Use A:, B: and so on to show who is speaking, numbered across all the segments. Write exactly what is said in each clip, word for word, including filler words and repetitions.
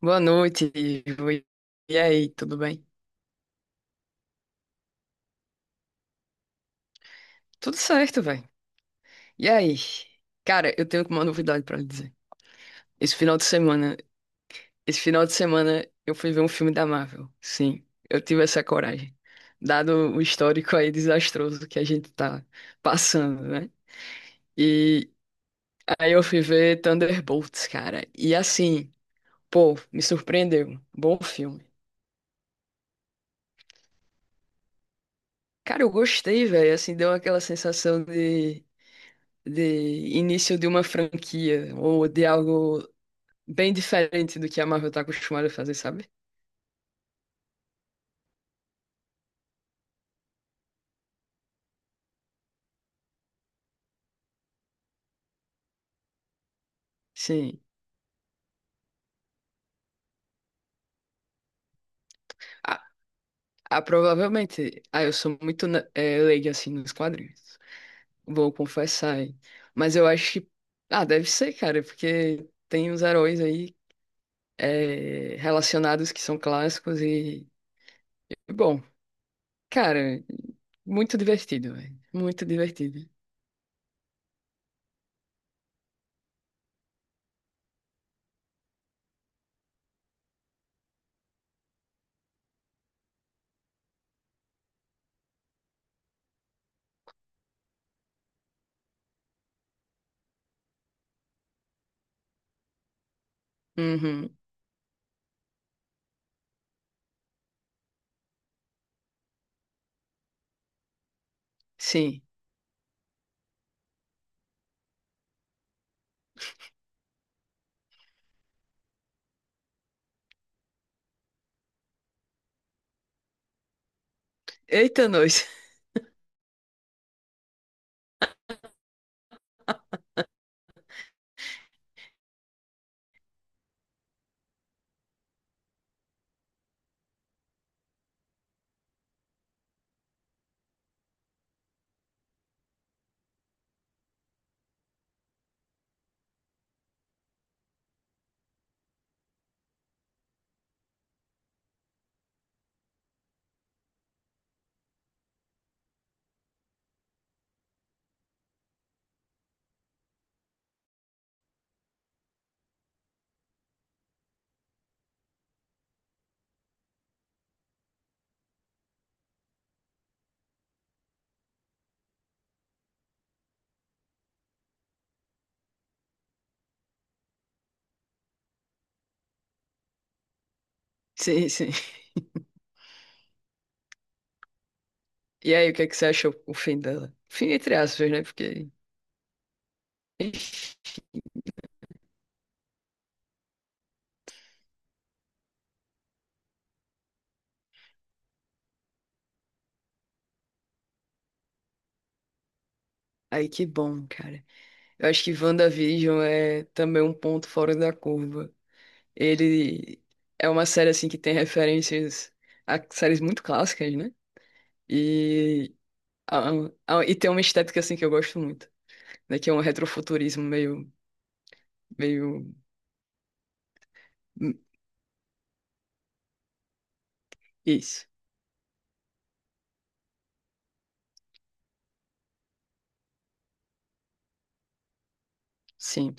A: Boa noite, Ivo. E aí, tudo bem? Tudo certo, velho. E aí? Cara, eu tenho uma novidade pra lhe dizer. Esse final de semana, esse final de semana eu fui ver um filme da Marvel. Sim, eu tive essa coragem. Dado o histórico aí desastroso que a gente tá passando, né? E aí eu fui ver Thunderbolts, cara. E assim, pô, me surpreendeu. Bom filme. Cara, eu gostei, velho. Assim, deu aquela sensação de de início de uma franquia ou de algo bem diferente do que a Marvel tá acostumada a fazer, sabe? Sim. Ah, ah, provavelmente. Ah, eu sou muito na- eh, leiga assim nos quadrinhos. Vou confessar, hein? Mas eu acho que. Ah, deve ser, cara, porque tem uns heróis aí eh, relacionados que são clássicos e. Bom, cara, muito divertido, velho. Muito divertido. Uhum. Sim. Eita, nós. Sim, sim. E aí, o que é que você acha o fim dela? Fim entre aspas, né? Porque. Ixi, aí que bom, cara. Eu acho que WandaVision é também um ponto fora da curva. Ele é uma série assim que tem referências a séries muito clássicas, né? E, a- a- e tem uma estética assim que eu gosto muito, né? Que é um retrofuturismo meio, meio hum, isso. Sim.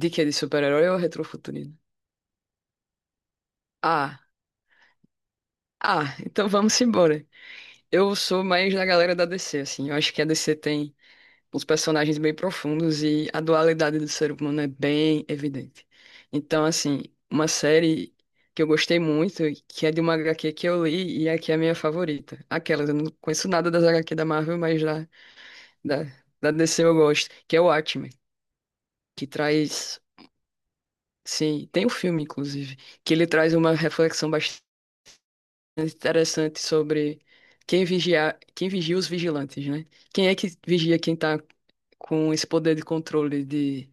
A: De que de super-herói ou retrofuturismo? Ah, ah, então vamos embora. Eu sou mais da galera da D C, assim. Eu acho que a D C tem uns personagens bem profundos e a dualidade do ser humano é bem evidente. Então, assim, uma série que eu gostei muito, que é de uma H Q que eu li e é que é a minha favorita. Aquela, eu não conheço nada das H Q da Marvel, mas da, da, da D C eu gosto, que é o Watchmen, que traz. Sim, tem um filme, inclusive, que ele traz uma reflexão interessante sobre quem vigia, quem vigia os vigilantes, né? Quem é que vigia quem tá com esse poder de controle de,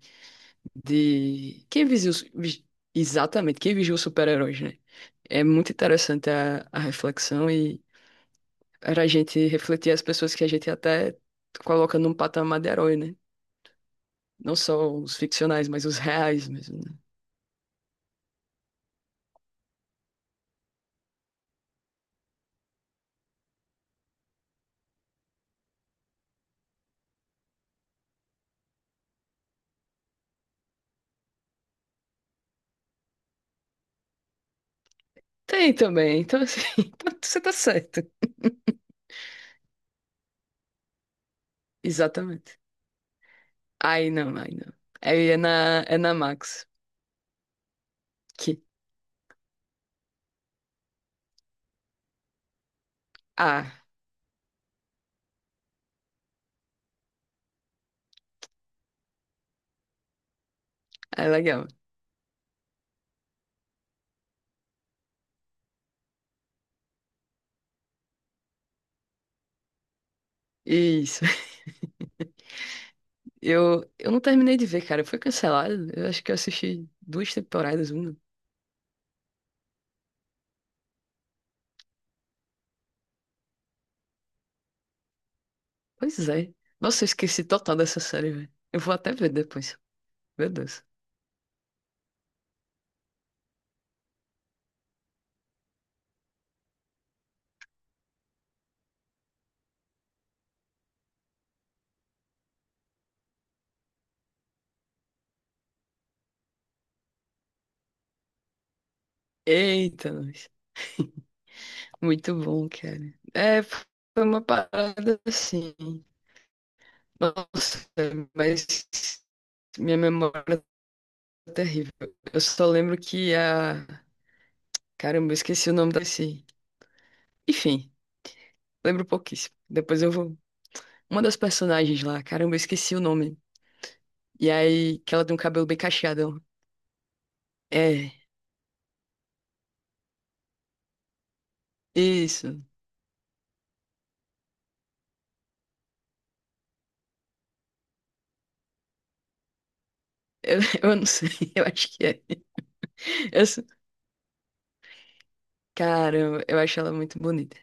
A: de... Quem vigia os... vi- Exatamente, quem vigia os super-heróis, né? É muito interessante a, a reflexão e era a gente refletir as pessoas que a gente até coloca num patamar de herói, né? Não só os ficcionais, mas os reais mesmo, né? Tem também, então assim, então você tá certo. Exatamente. Aí não, aí não. Aí é na, é na Max. Que... Ah, é legal. Isso. Eu, eu não terminei de ver, cara. Foi cancelado. Eu acho que eu assisti duas temporadas, uma. Pois é. Nossa, eu esqueci total dessa série, velho. Eu vou até ver depois. Meu Deus. Eita, nós. Muito bom, cara. É, foi uma parada assim. Nossa, mas minha memória é terrível. Eu só lembro que a. Caramba, eu esqueci o nome da. Enfim, lembro pouquíssimo. Depois eu vou. Uma das personagens lá, caramba, eu esqueci o nome. E aí, que ela tem um cabelo bem cacheadão. É, isso. Eu, eu não sei, eu acho que é. Eu, sou- caramba, eu acho ela muito bonita.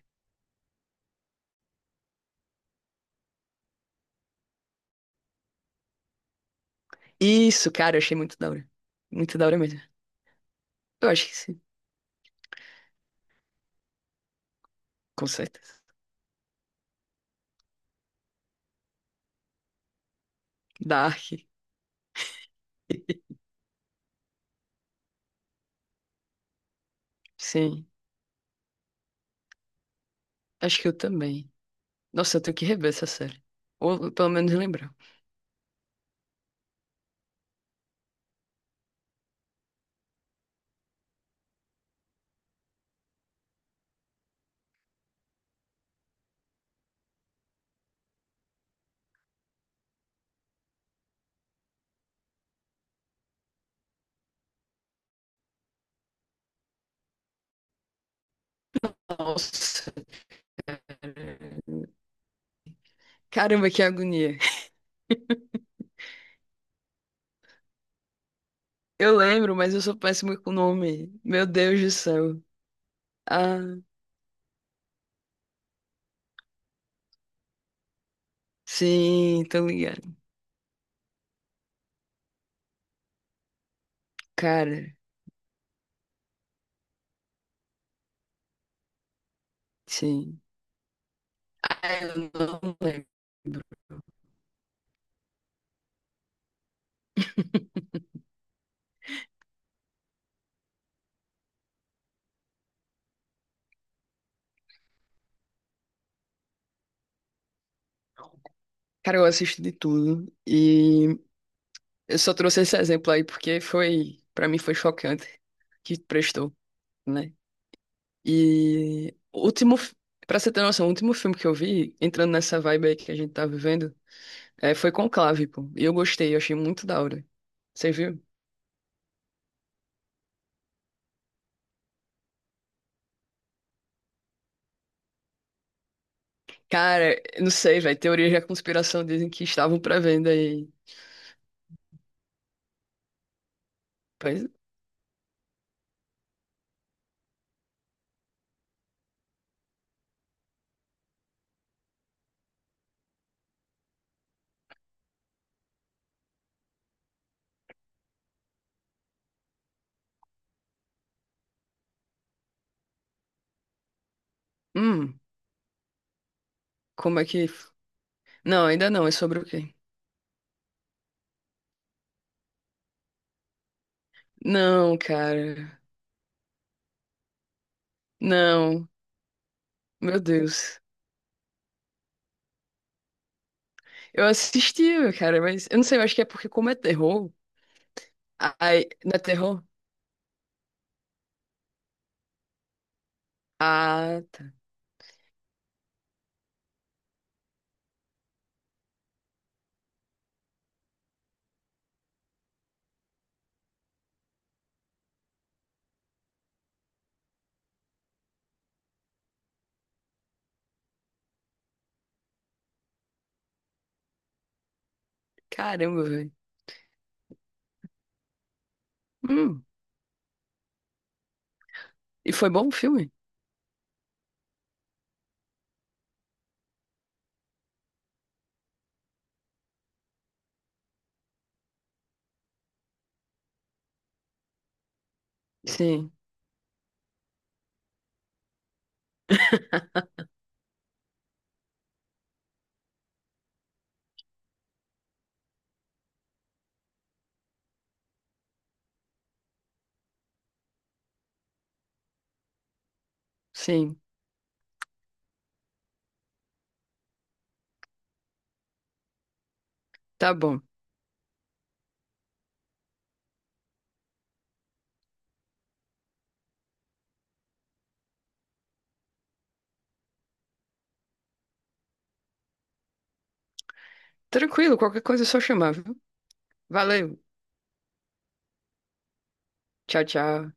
A: Isso, cara, eu achei muito da hora. Muito da hora mesmo. Eu acho que sim, com certeza. Dark. Sim, acho que eu também. Nossa, eu tenho que rever essa série. Ou pelo menos lembrar. Nossa. Caramba, que agonia. Eu lembro, mas eu sou péssimo com o nome. Meu Deus do céu. Ah. Sim, tô ligado. Cara, sim. Ah, eu não lembro. Cara, eu assisto de tudo e eu só trouxe esse exemplo aí porque foi, pra mim foi chocante que prestou, né? E o último, fi- pra você ter noção, o último filme que eu vi, entrando nessa vibe aí que a gente tá vivendo, é, foi Conclave, pô. E eu gostei, eu achei muito da hora. Você viu? Cara, eu não sei, velho, teorias da conspiração dizem que estavam prevendo aí. Pois, hum, como é que. Não, ainda não. É sobre o quê? Não, cara. Não. Meu Deus. Eu assisti, cara, mas eu não sei, eu acho que é porque como é terror. Ai, não é terror? Ah, tá. Caramba, velho. Hum. E foi bom o filme? Sim, sim. Tá bom. Tranquilo, qualquer coisa é só chamar, viu? Valeu. Tchau, tchau.